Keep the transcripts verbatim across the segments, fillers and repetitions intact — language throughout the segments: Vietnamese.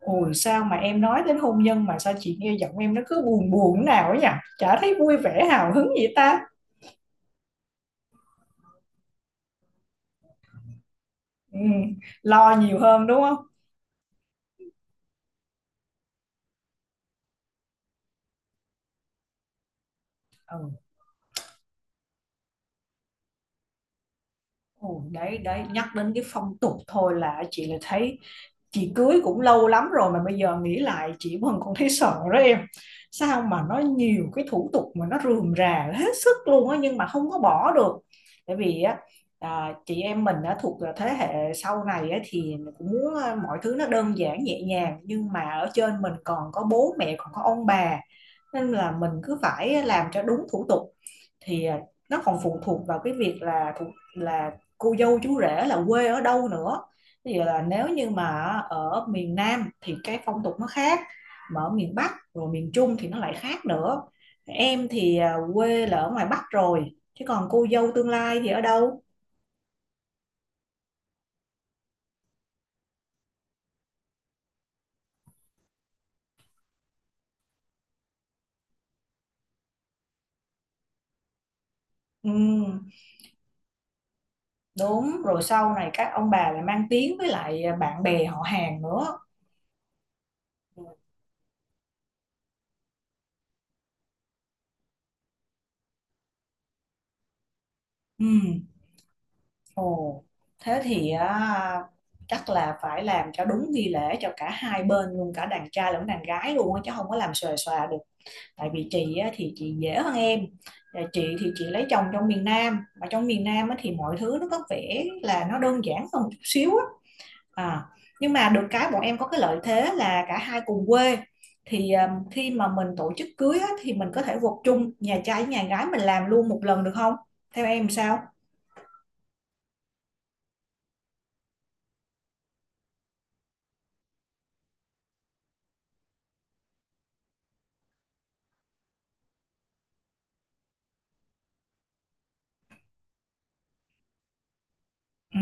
Ôi sao mà em nói đến hôn nhân mà sao chị nghe giọng em nó cứ buồn buồn nào ấy nhỉ? Chả thấy vui vẻ hào hứng gì ta. Ừ, lo nhiều hơn đúng không? Ừ. Ồ, đấy đấy, nhắc đến cái phong tục thôi là chị lại thấy chị cưới cũng lâu lắm rồi mà bây giờ nghĩ lại chị vẫn còn thấy sợ đó em. Sao mà nó nhiều cái thủ tục mà nó rườm rà hết sức luôn á, nhưng mà không có bỏ được. Bởi vì á, à, chị em mình đã thuộc là thế hệ sau này á, thì cũng muốn à, mọi thứ nó đơn giản nhẹ nhàng, nhưng mà ở trên mình còn có bố mẹ còn có ông bà, nên là mình cứ phải làm cho đúng thủ tục. Thì à, nó còn phụ thuộc vào cái việc là là cô dâu chú rể là quê ở đâu nữa. Ví dụ là nếu như mà ở miền Nam thì cái phong tục nó khác, mà ở miền Bắc rồi miền Trung thì nó lại khác nữa. Em thì à, quê là ở ngoài Bắc rồi, chứ còn cô dâu tương lai thì ở đâu? Ừ, đúng rồi, sau này các ông bà lại mang tiếng với lại à, bạn bè họ hàng nữa. Ừ. Ồ, thế thì á, chắc là phải làm cho đúng nghi lễ cho cả hai bên luôn, cả đàn trai lẫn đàn gái luôn á, chứ không có làm xòe xòa được. Tại vì chị á, thì chị dễ hơn em. Và chị thì chị lấy chồng trong miền Nam, mà trong miền Nam á, thì mọi thứ nó có vẻ là nó đơn giản hơn một chút xíu á. À, nhưng mà được cái bọn em có cái lợi thế là cả hai cùng quê. Thì à, khi mà mình tổ chức cưới á, thì mình có thể gộp chung nhà trai với nhà gái mình làm luôn một lần được không? Theo em sao? Ừ.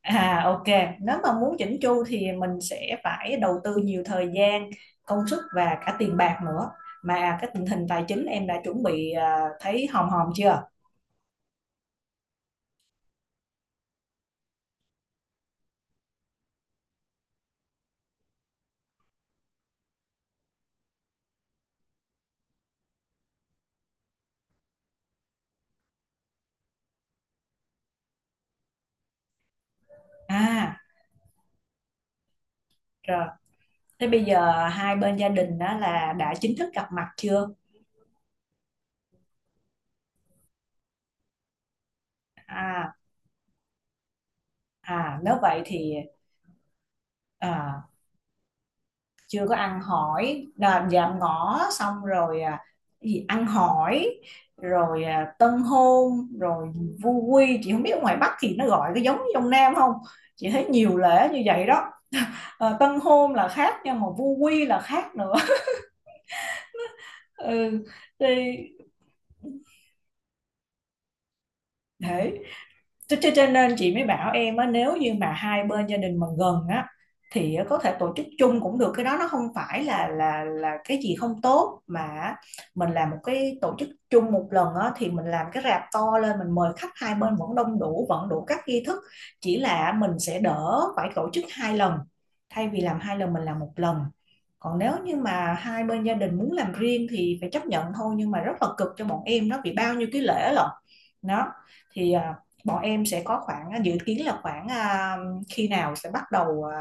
À ok, nếu mà muốn chỉnh chu thì mình sẽ phải đầu tư nhiều thời gian, công sức và cả tiền bạc nữa. Mà cái tình hình tài chính em đã chuẩn bị à, thấy hòm hòm chưa? À, rồi. Thế bây giờ hai bên gia đình đó là đã chính thức gặp mặt chưa? À, à nếu vậy thì à, chưa có ăn hỏi là dạm ngõ xong rồi à, gì ăn hỏi rồi à, tân hôn rồi vu quy, chị không biết ở ngoài Bắc thì nó gọi cái giống như trong Nam không. Chị thấy nhiều lễ như vậy đó. Ờ, tân hôn là khác nha, mà vu quy là khác nữa. Ừ, thì thế. Cho, cho, nên chị mới bảo em á, nếu như mà hai bên gia đình mà gần á, thì có thể tổ chức chung cũng được. Cái đó nó không phải là là là cái gì không tốt, mà mình làm một cái tổ chức chung một lần á, thì mình làm cái rạp to lên, mình mời khách hai bên vẫn đông đủ, vẫn đủ các nghi thức, chỉ là mình sẽ đỡ phải tổ chức hai lần. Thay vì làm hai lần mình làm một lần. Còn nếu như mà hai bên gia đình muốn làm riêng thì phải chấp nhận thôi, nhưng mà rất là cực cho bọn em đó, vì bao nhiêu cái lễ lận. Đó thì à, bọn em sẽ có khoảng dự kiến là khoảng à, khi nào sẽ bắt đầu à,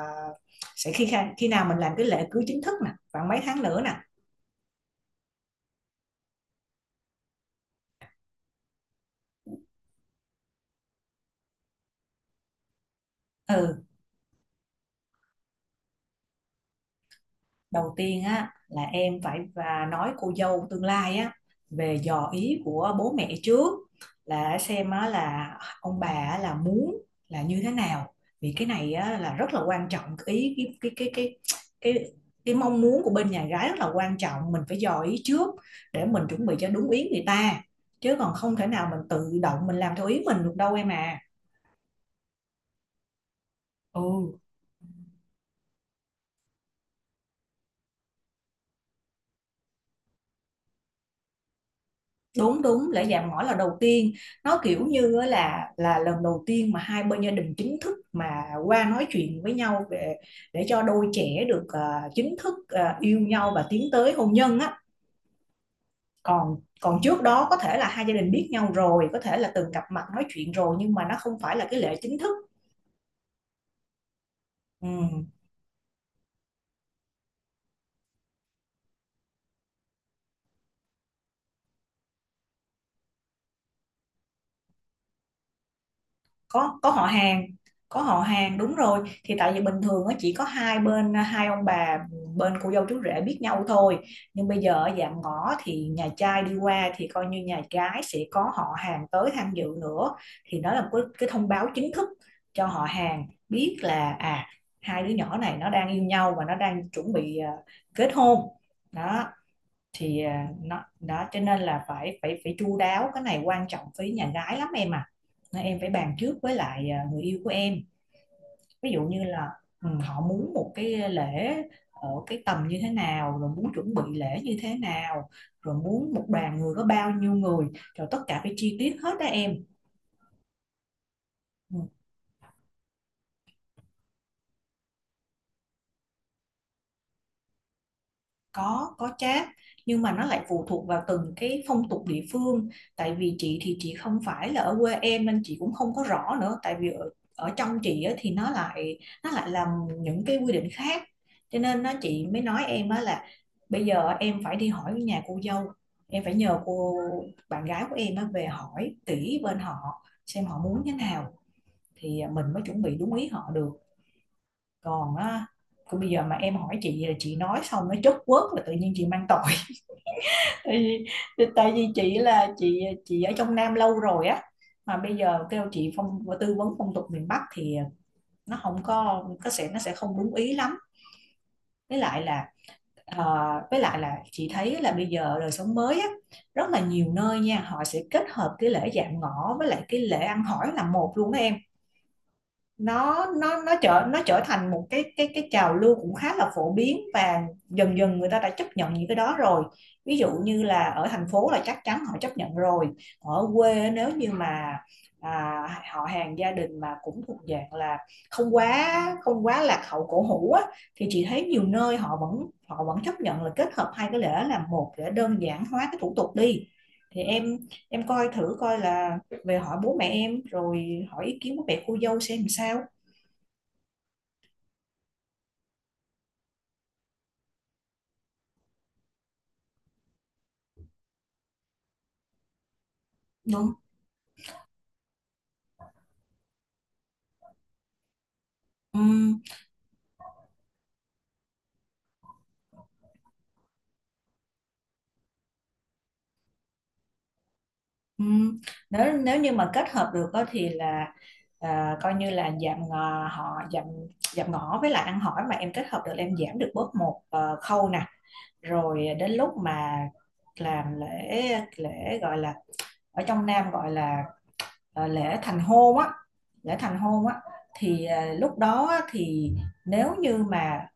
sẽ khi khi nào mình làm cái lễ cưới chính thức nè, khoảng mấy tháng nữa nè. Ừ, đầu tiên á là em phải và nói cô dâu tương lai á, về dò ý của bố mẹ trước, là xem á là ông bà á là muốn là như thế nào. Vì cái này á là rất là quan trọng ý. Cái cái cái cái cái cái mong muốn của bên nhà gái rất là quan trọng, mình phải dò ý trước để mình chuẩn bị cho đúng ý người ta, chứ còn không thể nào mình tự động mình làm theo ý mình được đâu em à. Ừ, đúng đúng, lễ dạ mỏ là đầu tiên. Nó kiểu như á là là lần đầu tiên mà hai bên gia đình chính thức mà qua nói chuyện với nhau về, để cho đôi trẻ được à, chính thức à, yêu nhau và tiến tới hôn nhân á. Còn còn trước đó có thể là hai gia đình biết nhau rồi, có thể là từng gặp mặt nói chuyện rồi, nhưng mà nó không phải là cái lễ chính thức. Ừ. có có họ hàng, có họ hàng, đúng rồi. Thì tại vì bình thường á chỉ có hai bên hai ông bà bên cô dâu chú rể biết nhau thôi, nhưng bây giờ ở dạm ngõ thì nhà trai đi qua thì coi như nhà gái sẽ có họ hàng tới tham dự nữa. Thì đó là một cái, cái thông báo chính thức cho họ hàng biết là à, hai đứa nhỏ này nó đang yêu nhau và nó đang chuẩn bị à, kết hôn. Đó thì à, nó đó, cho nên là phải phải phải chu đáo. Cái này quan trọng với nhà gái lắm em à, nên em phải bàn trước với lại à, người yêu của em. Ví dụ như là ừ, họ muốn một cái lễ ở cái tầm như thế nào, rồi muốn chuẩn bị lễ như thế nào, rồi muốn một đoàn người có bao nhiêu người, rồi tất cả phải chi tiết hết đó em. Ừ. có có chát, nhưng mà nó lại phụ thuộc vào từng cái phong tục địa phương. Tại vì chị thì chị không phải là ở quê em nên chị cũng không có rõ nữa. Tại vì ở, ở trong chị á, thì nó lại nó lại làm những cái quy định khác. Cho nên nó chị mới nói em á là bây giờ em phải đi hỏi nhà cô dâu, em phải nhờ cô bạn gái của em á, về hỏi kỹ bên họ xem họ muốn thế nào, thì à, mình mới chuẩn bị đúng ý họ được. Còn á, còn bây giờ mà em hỏi chị là chị nói xong nó chốt quớt là tự nhiên chị mang tội. Tại vì tại vì chị là chị chị ở trong Nam lâu rồi á, mà bây giờ kêu chị phong tư vấn phong tục miền Bắc thì nó không có, có sẽ, nó sẽ không đúng ý lắm. Với lại là ờ, với lại là chị thấy là bây giờ đời sống mới á, rất là nhiều nơi nha, họ sẽ kết hợp cái lễ dạm ngõ với lại cái lễ ăn hỏi là một luôn đó em. Nó nó nó trở nó trở thành một cái cái cái trào lưu cũng khá là phổ biến, và dần dần người ta đã chấp nhận những cái đó rồi. Ví dụ như là ở thành phố là chắc chắn họ chấp nhận rồi. Ở quê nếu như mà à, họ hàng gia đình mà cũng thuộc dạng là không quá không quá lạc hậu cổ hủ á, thì chị thấy nhiều nơi họ vẫn họ vẫn chấp nhận là kết hợp hai cái lễ làm một để đơn giản hóa cái thủ tục đi. Thì em em coi thử coi là về hỏi bố mẹ em rồi hỏi ý kiến của mẹ cô dâu xem sao. Đúng. Ừ, ừ. Nếu nếu như mà kết hợp được á thì là à, coi như là giảm ngò, họ giảm giảm ngõ với lại ăn hỏi mà em kết hợp được là em giảm được bớt một ờ, khâu nè. Rồi đến lúc mà làm lễ, lễ gọi là ở trong Nam gọi là ờ, lễ thành hôn á, lễ thành hôn á, thì ờ, lúc đó á, thì nếu như mà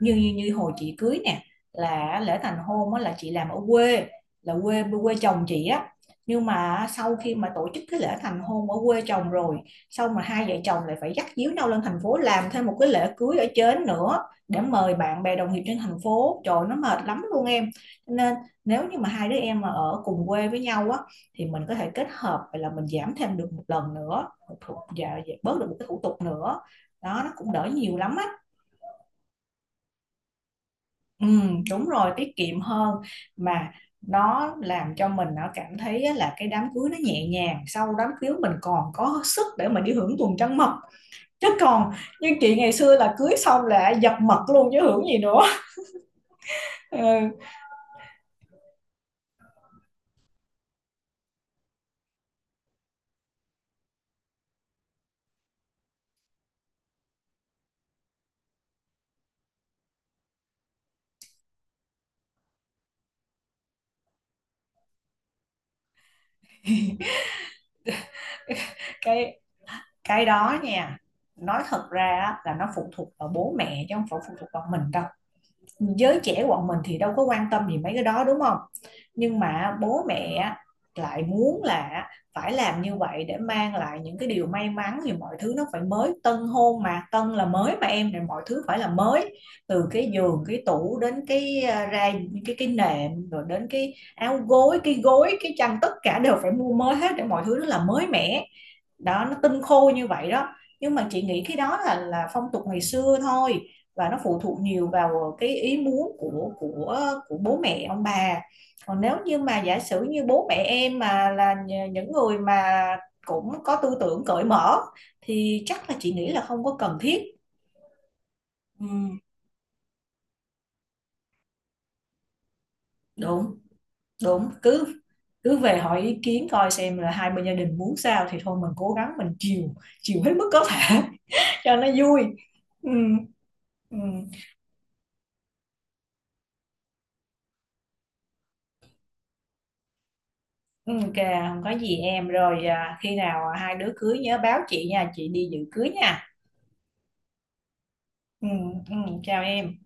như như như hồi chị cưới nè, là lễ thành hôn á là chị làm ở quê, là quê quê chồng chị á. Nhưng mà sau khi mà tổ chức cái lễ thành hôn ở quê chồng rồi, sau mà hai vợ chồng lại phải dắt díu nhau lên thành phố làm thêm một cái lễ cưới ở trên nữa, để mời bạn bè đồng nghiệp trên thành phố, trời nó mệt lắm luôn em. Nên nếu như mà hai đứa em mà ở cùng quê với nhau á, thì mình có thể kết hợp, vậy là mình giảm thêm được một lần nữa, một thủ, dạ, dạ, bớt được một cái thủ tục nữa đó, nó cũng đỡ nhiều lắm á. Ừ, đúng rồi, tiết kiệm hơn. Mà nó làm cho mình nó cảm thấy á, là cái đám cưới nó nhẹ nhàng, sau đám cưới mình còn có sức để mình đi hưởng tuần trăng mật, chứ còn như chị ngày xưa là cưới xong là dập mật luôn chứ hưởng gì nữa. Ừ, cái cái đó nha, nói thật ra á, là nó phụ thuộc vào bố mẹ chứ không phải phụ thuộc vào mình đâu. Giới trẻ bọn mình thì đâu có quan tâm gì mấy cái đó đúng không, nhưng mà bố mẹ lại muốn là phải làm như vậy để mang lại những cái điều may mắn, thì mọi thứ nó phải mới. Tân hôn mà, tân là mới mà em, thì mọi thứ phải là mới, từ cái giường cái tủ đến cái à, ra cái cái nệm rồi đến cái áo gối, cái gối, cái chăn, tất cả đều phải mua mới hết để mọi thứ nó là mới mẻ đó, nó tinh khô như vậy đó. Nhưng mà chị nghĩ cái đó là là phong tục ngày xưa thôi, và nó phụ thuộc nhiều vào cái ý muốn của của của bố mẹ ông bà. Còn nếu như mà giả sử như bố mẹ em mà là những người mà cũng có tư tưởng cởi mở, thì chắc là chị nghĩ là không có cần thiết. Ừ, đúng đúng, cứ cứ về hỏi ý kiến coi xem là hai bên gia đình muốn sao, thì thôi mình cố gắng mình chiều, chiều hết mức có thể cho nó vui. Ừ. Ừ. Ừ, kìa, không có gì em. Rồi à, khi nào à, hai đứa cưới nhớ báo chị nha, chị đi dự cưới nha. Ừ, ừ, chào em.